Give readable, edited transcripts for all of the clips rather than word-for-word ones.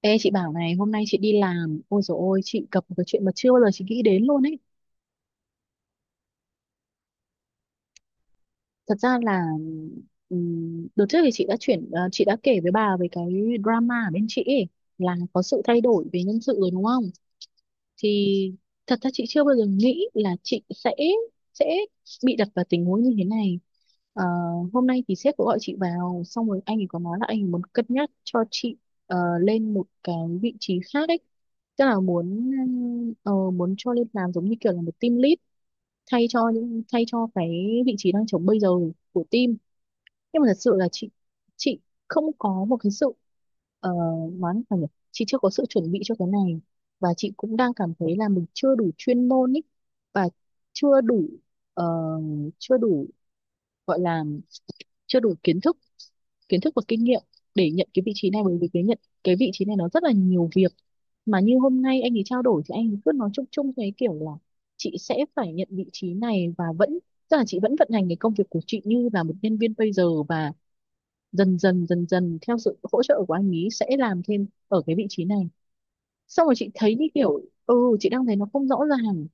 Ê chị bảo này, hôm nay chị đi làm ôi dồi ôi chị gặp một cái chuyện mà chưa bao giờ chị nghĩ đến luôn ấy. Thật ra là đợt trước thì chị đã chuyển chị đã kể với bà về cái drama ở bên chị ấy, là có sự thay đổi về nhân sự rồi đúng không. Thì thật ra chị chưa bao giờ nghĩ là chị sẽ Sẽ bị đặt vào tình huống như thế này. Ờ, Hôm nay thì sếp có gọi chị vào, xong rồi anh ấy có nói là anh ấy muốn cân nhắc cho chị lên một cái vị trí khác ấy, tức là muốn muốn cho lên làm giống như kiểu là một team lead, thay cho cái vị trí đang trống bây giờ của team. Nhưng mà thật sự là chị không có một cái sự ờ, nói là nhỉ, chị chưa có sự chuẩn bị cho cái này, và chị cũng đang cảm thấy là mình chưa đủ chuyên môn ý, và chưa đủ ờ, chưa đủ gọi là chưa đủ kiến thức, kiến thức và kinh nghiệm để nhận cái vị trí này. Bởi vì cái nhận cái vị trí này nó rất là nhiều việc, mà như hôm nay anh ấy trao đổi thì anh ấy cứ nói chung chung cái kiểu là chị sẽ phải nhận vị trí này và vẫn, tức là chị vẫn vận hành cái công việc của chị như là một nhân viên bây giờ, và dần dần theo sự hỗ trợ của anh ấy sẽ làm thêm ở cái vị trí này. Xong rồi chị thấy như kiểu ừ, chị đang thấy nó không rõ ràng.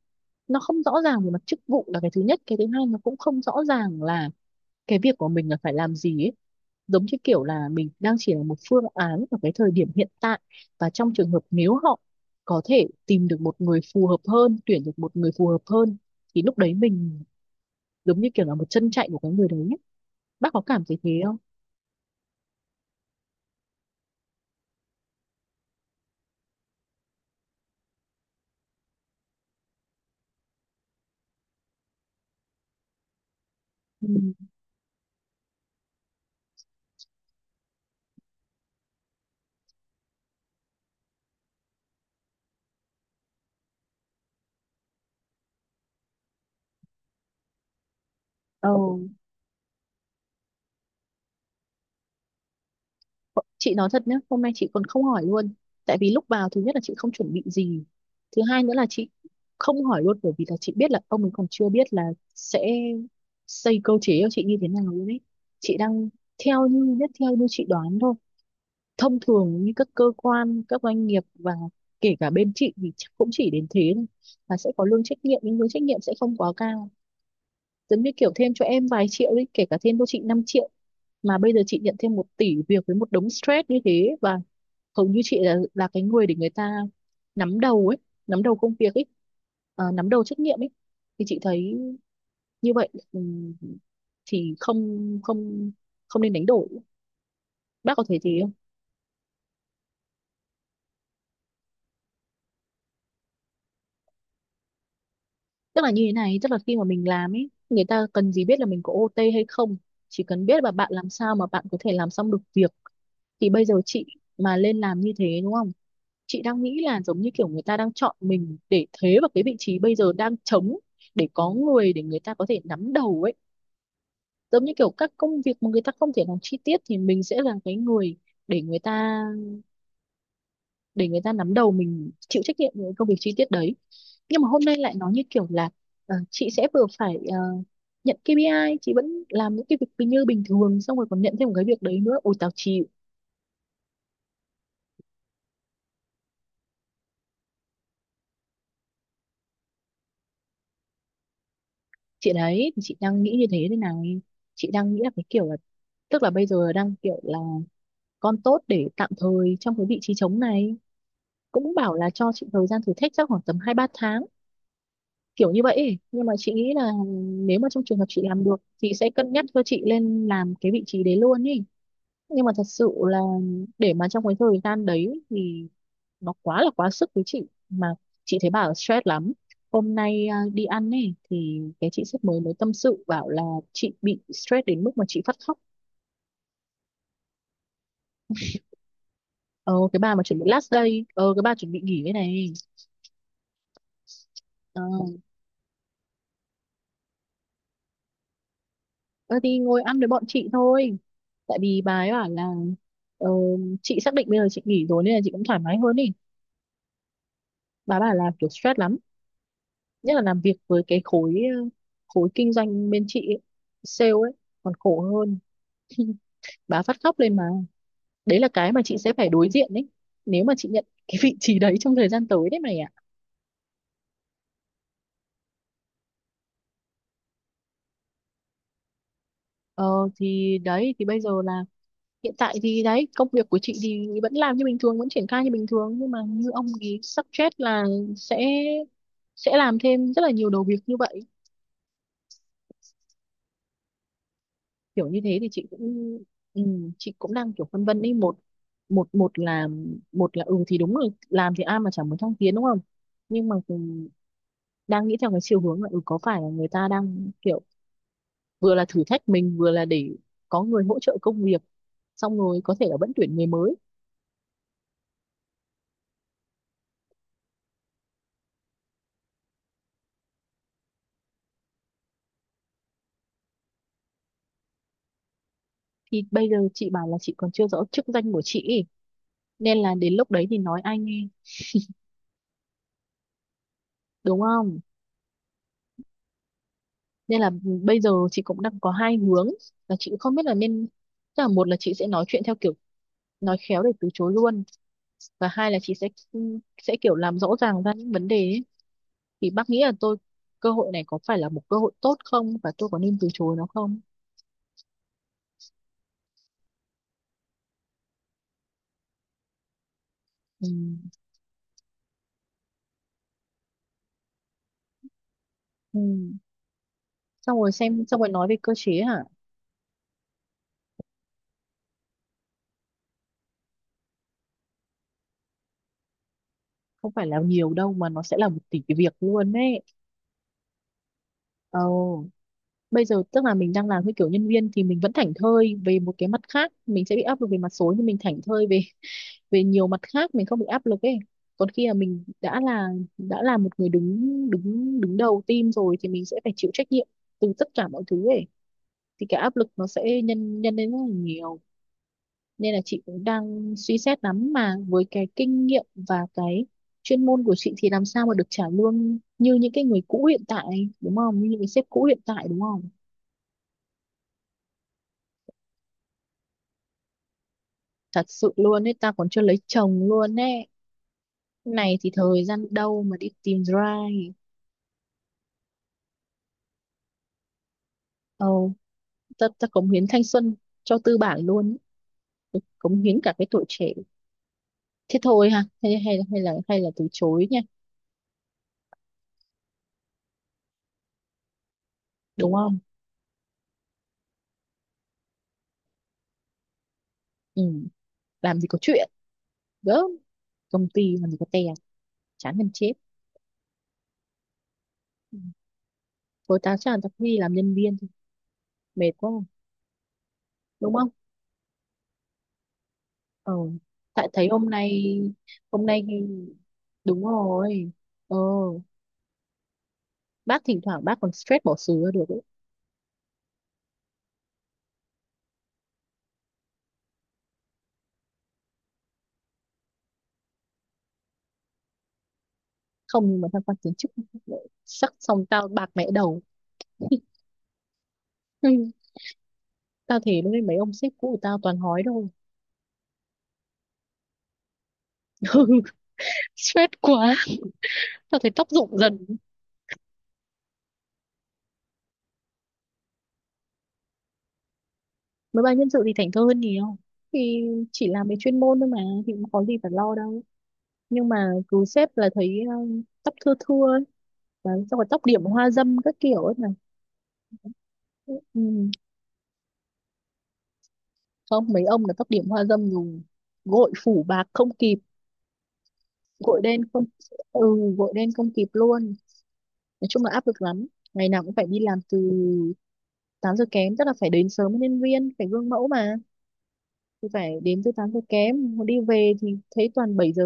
Nó không rõ ràng về mặt chức vụ là cái thứ nhất, cái thứ hai nó cũng không rõ ràng là cái việc của mình là phải làm gì ấy, giống như kiểu là mình đang chỉ là một phương án ở cái thời điểm hiện tại, và trong trường hợp nếu họ có thể tìm được một người phù hợp hơn, tuyển được một người phù hợp hơn thì lúc đấy mình giống như kiểu là một chân chạy của cái người đấy ấy. Bác có cảm thấy thế không? Ừ. Ồ, chị nói thật nhé, hôm nay chị còn không hỏi luôn. Tại vì lúc vào thứ nhất là chị không chuẩn bị gì, thứ hai nữa là chị không hỏi luôn bởi vì là chị biết là ông ấy còn chưa biết là sẽ xây cơ chế cho chị như thế nào luôn ấy. Chị đang theo như chị đoán thôi, thông thường như các cơ quan các doanh nghiệp và kể cả bên chị thì chắc cũng chỉ đến thế thôi, là sẽ có lương trách nhiệm nhưng lương trách nhiệm sẽ không quá cao, giống như kiểu thêm cho em vài triệu đi, kể cả thêm cho chị 5 triệu. Mà bây giờ chị nhận thêm một tỷ việc với một đống stress như thế, và hầu như chị là cái người để người ta nắm đầu ấy, nắm đầu công việc ấy, nắm đầu trách nhiệm ấy, thì chị thấy như vậy thì không không không nên đánh đổi. Bác có thấy thế? Tức là như thế này, tức là khi mà mình làm ấy, người ta cần gì biết là mình có OT hay không, chỉ cần biết là bạn làm sao mà bạn có thể làm xong được việc. Thì bây giờ chị mà lên làm như thế đúng không, chị đang nghĩ là giống như kiểu người ta đang chọn mình để thế vào cái vị trí bây giờ đang trống, để có người để người ta có thể nắm đầu ấy, giống như kiểu các công việc mà người ta không thể làm chi tiết thì mình sẽ là cái người để người ta nắm đầu, mình chịu trách nhiệm với công việc chi tiết đấy. Nhưng mà hôm nay lại nói như kiểu là chị sẽ vừa phải nhận KPI, chị vẫn làm những cái việc như bình thường, xong rồi còn nhận thêm một cái việc đấy nữa, ôi tao chịu. Chị đấy thì chị đang nghĩ như thế thế này, chị đang nghĩ là cái kiểu là, tức là bây giờ đang kiểu là con tốt để tạm thời trong cái vị trí trống này, cũng bảo là cho chị thời gian thử thách chắc khoảng tầm 2 3 tháng kiểu như vậy ấy. Nhưng mà chị nghĩ là nếu mà trong trường hợp chị làm được, chị sẽ cân nhắc cho chị lên làm cái vị trí đấy luôn ý. Nhưng mà thật sự là để mà trong cái thời gian đấy thì nó quá là quá sức với chị, mà chị thấy bảo stress lắm. Hôm nay à, đi ăn ấy thì cái chị sếp mới mới tâm sự bảo là chị bị stress đến mức mà chị phát khóc. Ờ, cái bà mà chuẩn bị last day, ờ cái bà chuẩn bị nghỉ đây này. Ờ. ờ, thì ngồi ăn với bọn chị thôi, tại vì bà ấy bảo là ờ, chị xác định bây giờ chị nghỉ rồi nên là chị cũng thoải mái hơn đi. Bà bảo là kiểu stress lắm, nhất là làm việc với cái khối khối kinh doanh bên chị ấy, sale ấy còn khổ hơn. Bà phát khóc lên mà. Đấy là cái mà chị sẽ phải đối diện đấy, nếu mà chị nhận cái vị trí đấy trong thời gian tới đấy mày ạ. Ờ thì đấy thì Bây giờ là hiện tại thì đấy, công việc của chị thì vẫn làm như bình thường, vẫn triển khai như bình thường, nhưng mà như ông ý suggest là sẽ sẽ làm thêm rất là nhiều đầu việc như vậy. Kiểu như thế thì chị cũng ừ, chị cũng đang kiểu phân vân ấy. Một một một là Một là ừ thì đúng rồi, làm thì ai mà chẳng muốn thăng tiến đúng không, nhưng mà cũng đang nghĩ theo cái chiều hướng là ừ, có phải là người ta đang kiểu vừa là thử thách mình, vừa là để có người hỗ trợ công việc, xong rồi có thể là vẫn tuyển người mới. Thì bây giờ chị bảo là chị còn chưa rõ chức danh của chị ý, nên là đến lúc đấy thì nói ai nghe, đúng không. Nên là bây giờ chị cũng đang có hai hướng, là chị cũng không biết là nên, tức là một là chị sẽ nói chuyện theo kiểu nói khéo để từ chối luôn, và hai là chị sẽ kiểu làm rõ ràng ra những vấn đề ấy. Thì bác nghĩ là tôi, cơ hội này có phải là một cơ hội tốt không, và tôi có nên từ chối nó không? Ừ. Ừ. Xong rồi xem, xong rồi nói về cơ chế hả? Không phải là nhiều đâu mà nó sẽ là một tỷ cái việc luôn đấy. Ồ, bây giờ tức là mình đang làm cái kiểu nhân viên thì mình vẫn thảnh thơi về một cái, mặt khác mình sẽ bị áp lực về mặt số nhưng mình thảnh thơi về về nhiều mặt khác, mình không bị áp lực ấy. Còn khi mà mình đã là một người đứng đứng đứng đầu team rồi thì mình sẽ phải chịu trách nhiệm từ tất cả mọi thứ ấy, thì cái áp lực nó sẽ nhân nhân lên rất là nhiều. Nên là chị cũng đang suy xét lắm, mà với cái kinh nghiệm và cái chuyên môn của chị thì làm sao mà được trả lương như những cái người cũ hiện tại, đúng không, như những cái sếp cũ hiện tại đúng không. Thật sự luôn ấy, ta còn chưa lấy chồng luôn ấy, này thì thời gian đâu mà đi tìm ra. Ồ, ta cống hiến thanh xuân cho tư bản luôn, cống hiến cả cái tuổi trẻ. Thế thôi ha, hay hay hay là từ chối nha, đúng không? Ừ. Làm gì có chuyện, gớm, công ty làm gì có tè, chán gần chết. Ừ. Thôi tao chắc là tao đi làm nhân viên thôi, mệt quá. Đúng không. Ờ, tại thấy hôm nay, hôm nay đúng rồi. Ờ, bác thỉnh thoảng bác còn stress bỏ xứ ra được ấy. Không, nhưng mà tham quan kiến trúc sắc xong tao bạc mẹ đầu. Ừ, tao thể lúc mấy ông sếp cũ của tao toàn hói đâu. Ừ, stress quá, tao thấy tóc rụng dần. Mấy bài nhân sự thì thảnh thơi hơn nhiều, thì chỉ làm về chuyên môn thôi mà, thì cũng có gì phải lo đâu. Nhưng mà cứ sếp là thấy tóc thưa thưa ấy. Đấy, xong rồi tóc điểm hoa dâm các kiểu ấy mà. Ừ. Không, mấy ông là tóc điểm hoa dâm dùng gội phủ bạc không kịp, gội đen không, ừ, gội đen không kịp luôn. Nói chung là áp lực lắm, ngày nào cũng phải đi làm từ 8 giờ kém, tức là phải đến sớm với nhân viên phải gương mẫu mà, thì phải đến từ 8 giờ kém. Mà đi về thì thấy toàn 7 giờ,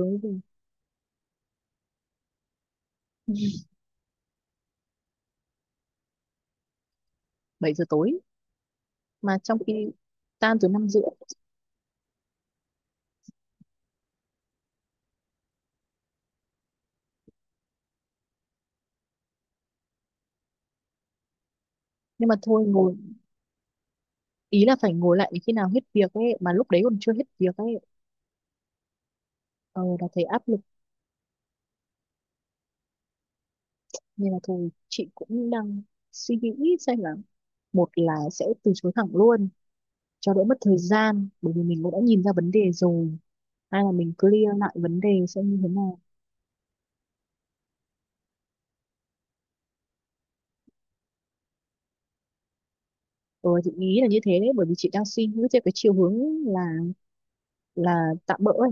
7 giờ tối, mà trong khi tan từ 5 rưỡi. Nhưng mà thôi, ngồi, ý là phải ngồi lại đến khi nào hết việc ấy, mà lúc đấy còn chưa hết việc ấy. Ờ, là thấy áp lực. Nên là thôi chị cũng đang suy nghĩ xem là, một là sẽ từ chối thẳng luôn cho đỡ mất thời gian, bởi vì mình cũng đã nhìn ra vấn đề rồi, hay là mình clear lại vấn đề xem như thế nào. Ờ, chị nghĩ là như thế đấy, bởi vì chị đang suy nghĩ theo cái chiều hướng là tạm bỡ ấy.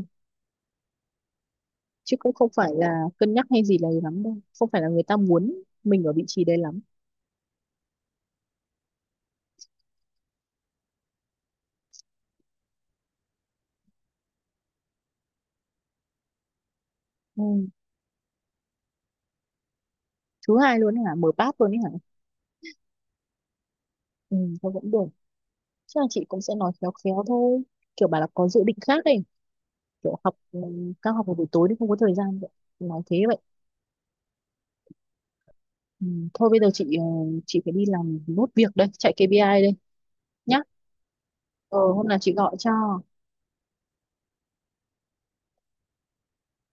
Chứ cũng không phải là cân nhắc hay gì là lắm đâu, không phải là người ta muốn mình ở vị trí đấy lắm. Ừ. Thứ hai luôn ấy hả, mở bát luôn ấy hả. Ừ, thôi vẫn được. Chắc là chị cũng sẽ nói khéo khéo thôi, kiểu bà là có dự định khác ấy, kiểu học ừ, các học vào buổi tối thì không có thời gian vậy, nói thế vậy. Ừ. Thôi bây giờ chị chị phải đi làm nốt việc đây, chạy KPI đây nhá. Ờ hôm nào chị gọi cho